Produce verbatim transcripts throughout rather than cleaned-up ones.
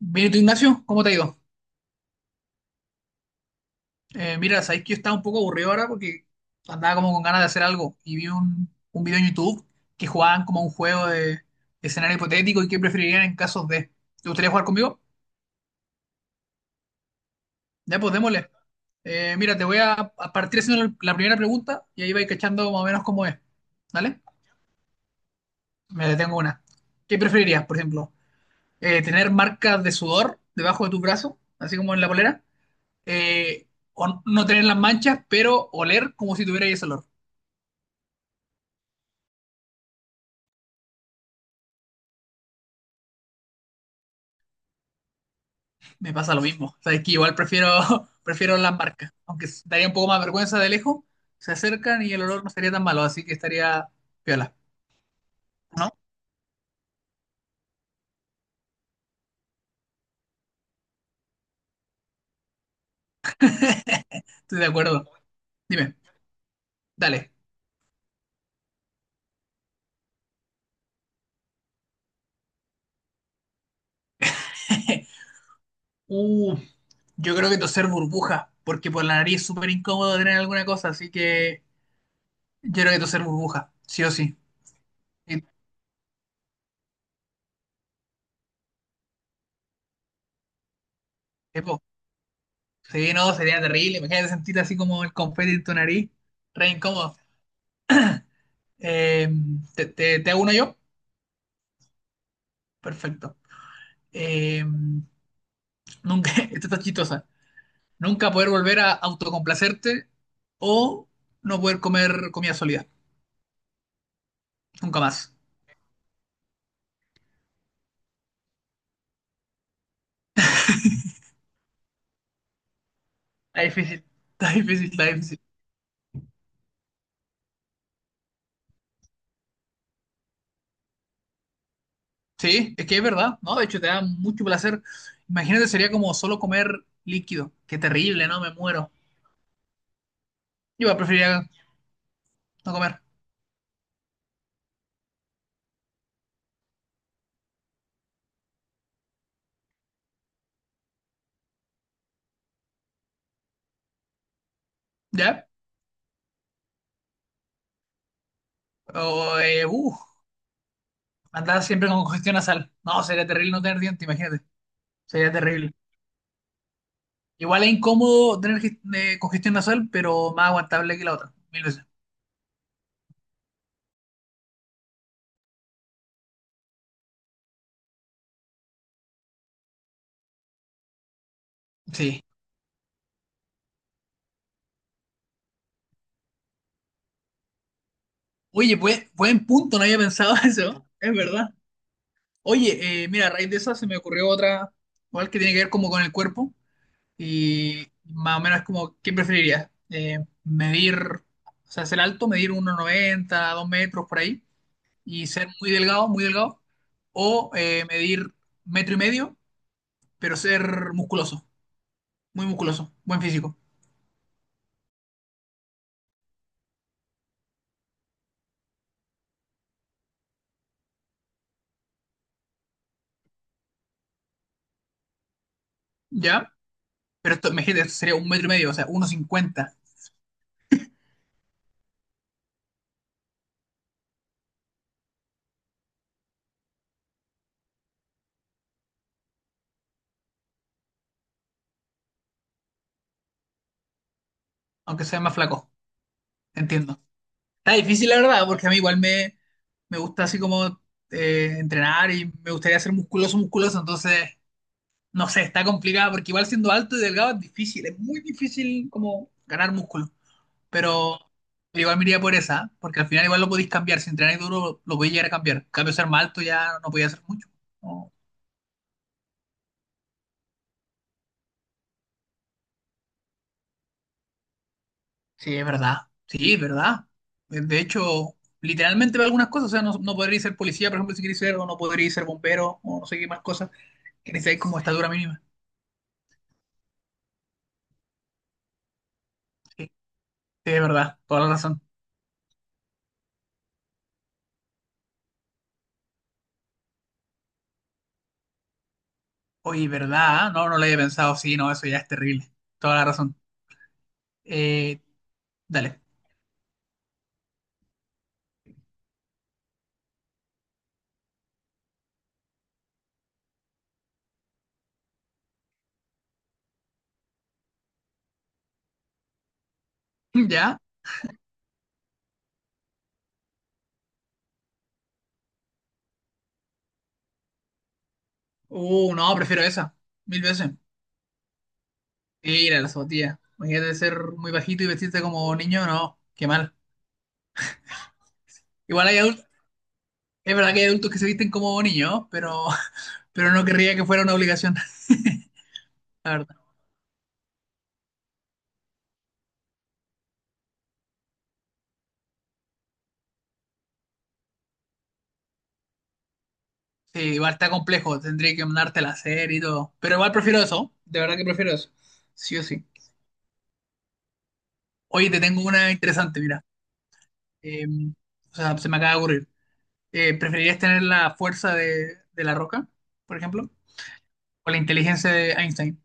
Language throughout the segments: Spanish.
Bien, ¿y tú, Ignacio? ¿Cómo te ha ido? Eh, mira, sabéis que yo estaba un poco aburrido ahora porque andaba como con ganas de hacer algo y vi un, un video en YouTube que jugaban como un juego de de escenario hipotético y qué preferirían en casos de. ¿Te gustaría jugar conmigo? Ya, pues démosle. Eh, mira, te voy a, a partir haciendo la la primera pregunta y ahí vais cachando más o menos cómo es. ¿Vale? Me detengo una. ¿Qué preferirías, por ejemplo? Eh, ¿tener marcas de sudor debajo de tu brazo, así como en la polera? Eh, ¿O no tener las manchas, pero oler como si tuvierais ese olor? Me pasa lo mismo. Sabes que igual prefiero, prefiero las marcas, aunque s- daría un poco más vergüenza de lejos, se acercan y el olor no sería tan malo, así que estaría piola, ¿no? Estoy de acuerdo. Dime, dale. Uh, yo creo que toser burbuja, porque por la nariz es súper incómodo tener alguna cosa, así que yo creo que toser burbuja, sí o sí. Y- epo, sí, no, sería terrible. Imagínate sentir así como el confeti en tu nariz, re incómodo. Eh, ¿te, te- te hago uno yo? Perfecto. Eh, Nunca, esta está chistosa. Nunca poder volver a autocomplacerte o no poder comer comida sólida. Nunca más. Está difícil. Está difícil, está difícil. Sí, es que es verdad, ¿no? De hecho, te da mucho placer. Imagínate, sería como solo comer líquido. Qué terrible, ¿no? Me muero. Yo preferiría no comer. ¿Ya? O, eh, uh, andar siempre con congestión nasal. No, sería terrible no tener dientes imagínate. Sería terrible. Igual es incómodo tener gest- eh, congestión nasal, pero más aguantable que la otra. Mil veces. Sí, oye, buen, buen punto, no había pensado eso, es verdad. Oye, eh, mira, a raíz de eso se me ocurrió otra, igual que tiene que ver como con el cuerpo y más o menos es como, ¿qué preferirías? Eh, medir, o sea, ser alto, medir uno noventa, dos metros por ahí y ser muy delgado, muy delgado, o eh, medir metro y medio, pero ser musculoso, muy musculoso, buen físico, ¿ya? Pero esto, imagínate, esto sería un metro y medio, o sea, uno cincuenta, aunque sea más flaco, entiendo. Está difícil, la verdad, porque a mí igual me, me gusta así como eh, entrenar y me gustaría ser musculoso, musculoso, entonces, no sé, está complicado, porque igual siendo alto y delgado es difícil, es muy difícil como ganar músculo, pero igual me iría por esa, porque al final igual lo podéis cambiar, si entrenáis duro lo podéis llegar a cambiar, en cambio ser más alto ya no podía hacer mucho. No. Sí, es verdad, sí, es verdad. De de hecho, literalmente para algunas cosas, o sea, no, no podréis ser policía, por ejemplo, si queréis ser, o no podréis ser bombero, o no sé qué más cosas, que necesitáis como estatura mínima. Sí, sí, verdad, toda la razón. Oye, ¿verdad? ¿Ah? No, no lo había pensado. Sí, no, eso ya es terrible. Toda la razón. Eh, dale. ¿Ya? Uh, no, prefiero esa. Mil veces. Mira, la zapatilla. Imagínate ser muy bajito y vestirte como niño, no, qué mal. Igual hay adultos, es verdad que hay adultos que se visten como niños, pero, pero no querría que fuera una obligación, la verdad. Sí, igual está complejo, tendría que mandarte la serie y todo. Pero igual prefiero eso, de verdad que prefiero eso. Sí o sí. Oye, te tengo una interesante, mira. Eh, o sea, se me acaba de ocurrir. Eh, ¿preferirías tener la fuerza de, de la roca, por ejemplo? ¿O la inteligencia de Einstein?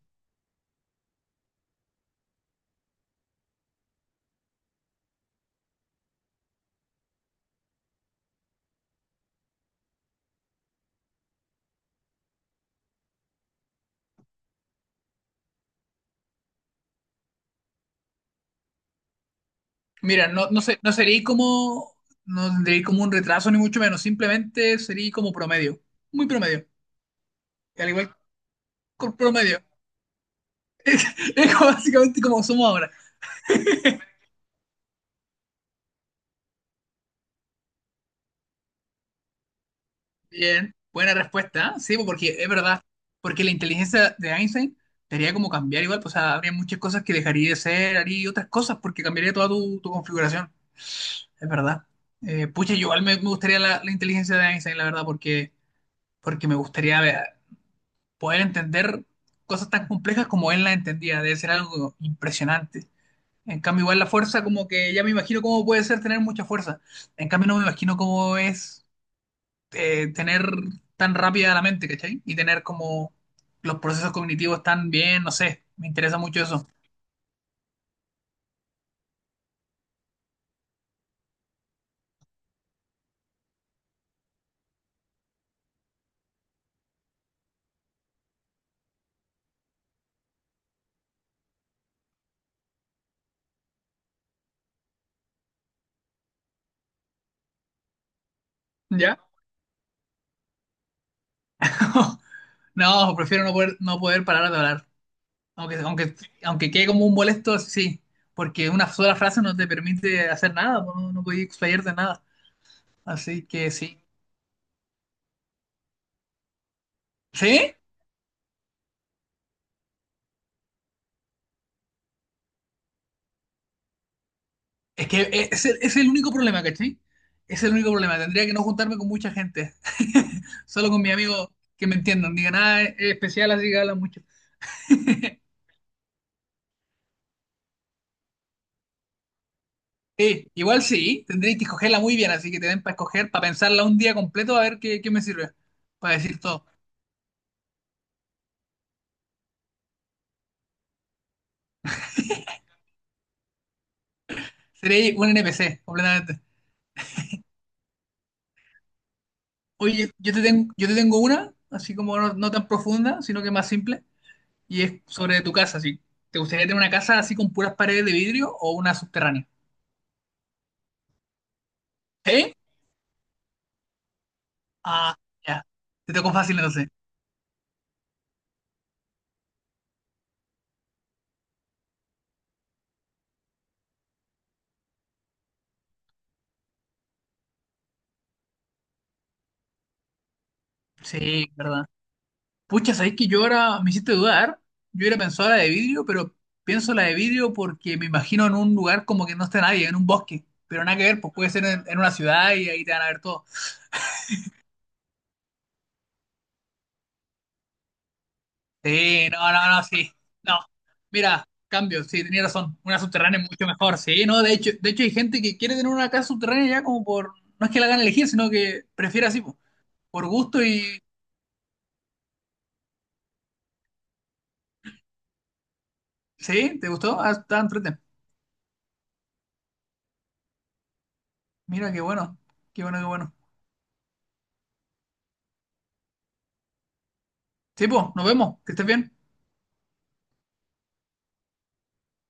Mira, no, no sé, no sería como, no tendría como un retraso ni mucho menos, simplemente sería como promedio, muy promedio, al igual que el promedio. Es como básicamente como somos ahora. Bien, buena respuesta, ¿eh? Sí, pues, porque es verdad, porque la inteligencia de Einstein sería como cambiar igual, pues, o sea, habría muchas cosas que dejaría de ser, haría otras cosas porque cambiaría toda tu, tu configuración. Es verdad. Eh, pucha, yo igual me, me gustaría la, la inteligencia de Einstein, la verdad, porque, porque me gustaría ver- poder entender cosas tan complejas como él las entendía. Debe ser algo impresionante. En cambio, igual la fuerza, como que ya me imagino cómo puede ser tener mucha fuerza. En cambio, no me imagino cómo es eh, tener tan rápida la mente, ¿cachai? Y tener como los procesos cognitivos tan bien, no sé. Me interesa mucho eso. ¿Ya? No, prefiero no poder, no poder parar de hablar. Aunque, aunque, aunque quede como un molesto, sí, porque una sola frase no te permite hacer nada, no, no puedes explayarte nada. Así que sí. ¿Sí? Es que e, es el, es el único problema, ¿cachai? Es el único problema. Tendría que no juntarme con mucha gente. Solo con mi amigo que me entiendan. Digan, nada es especial, así que habla mucho. Sí, igual sí, tendréis que escogerla muy bien, así que te den para escoger, para pensarla un día completo, a ver qué, qué me sirve, para decir todo. Seré un N P C, completamente. Oye, yo te tengo, yo te tengo una, así como no, no tan profunda, sino que más simple, y es sobre tu casa, sí. ¿Te gustaría tener una casa así con puras paredes de vidrio o una subterránea? ¿Sí? Ah, ya. Te tocó fácil entonces. Sí, verdad. Pucha, ¿sabéis que yo ahora me hiciste dudar? Yo hubiera pensado la de vidrio, pero pienso la de vidrio porque me imagino en un lugar como que no está nadie, en un bosque. Pero nada que ver, pues puede ser en, en una ciudad y ahí te van a ver todo. Sí, no, no, no, sí. No. Mira, cambio, sí, tenía razón. Una subterránea es mucho mejor. Sí, no, de hecho, de hecho hay gente que quiere tener una casa subterránea ya como por. No es que la hagan elegir, sino que prefiere así, po, por gusto y. Sí, ¿te gustó? Ah, está enfrente. Mira, qué bueno. Qué bueno, qué bueno. Sí, pues, nos vemos. Que estés bien.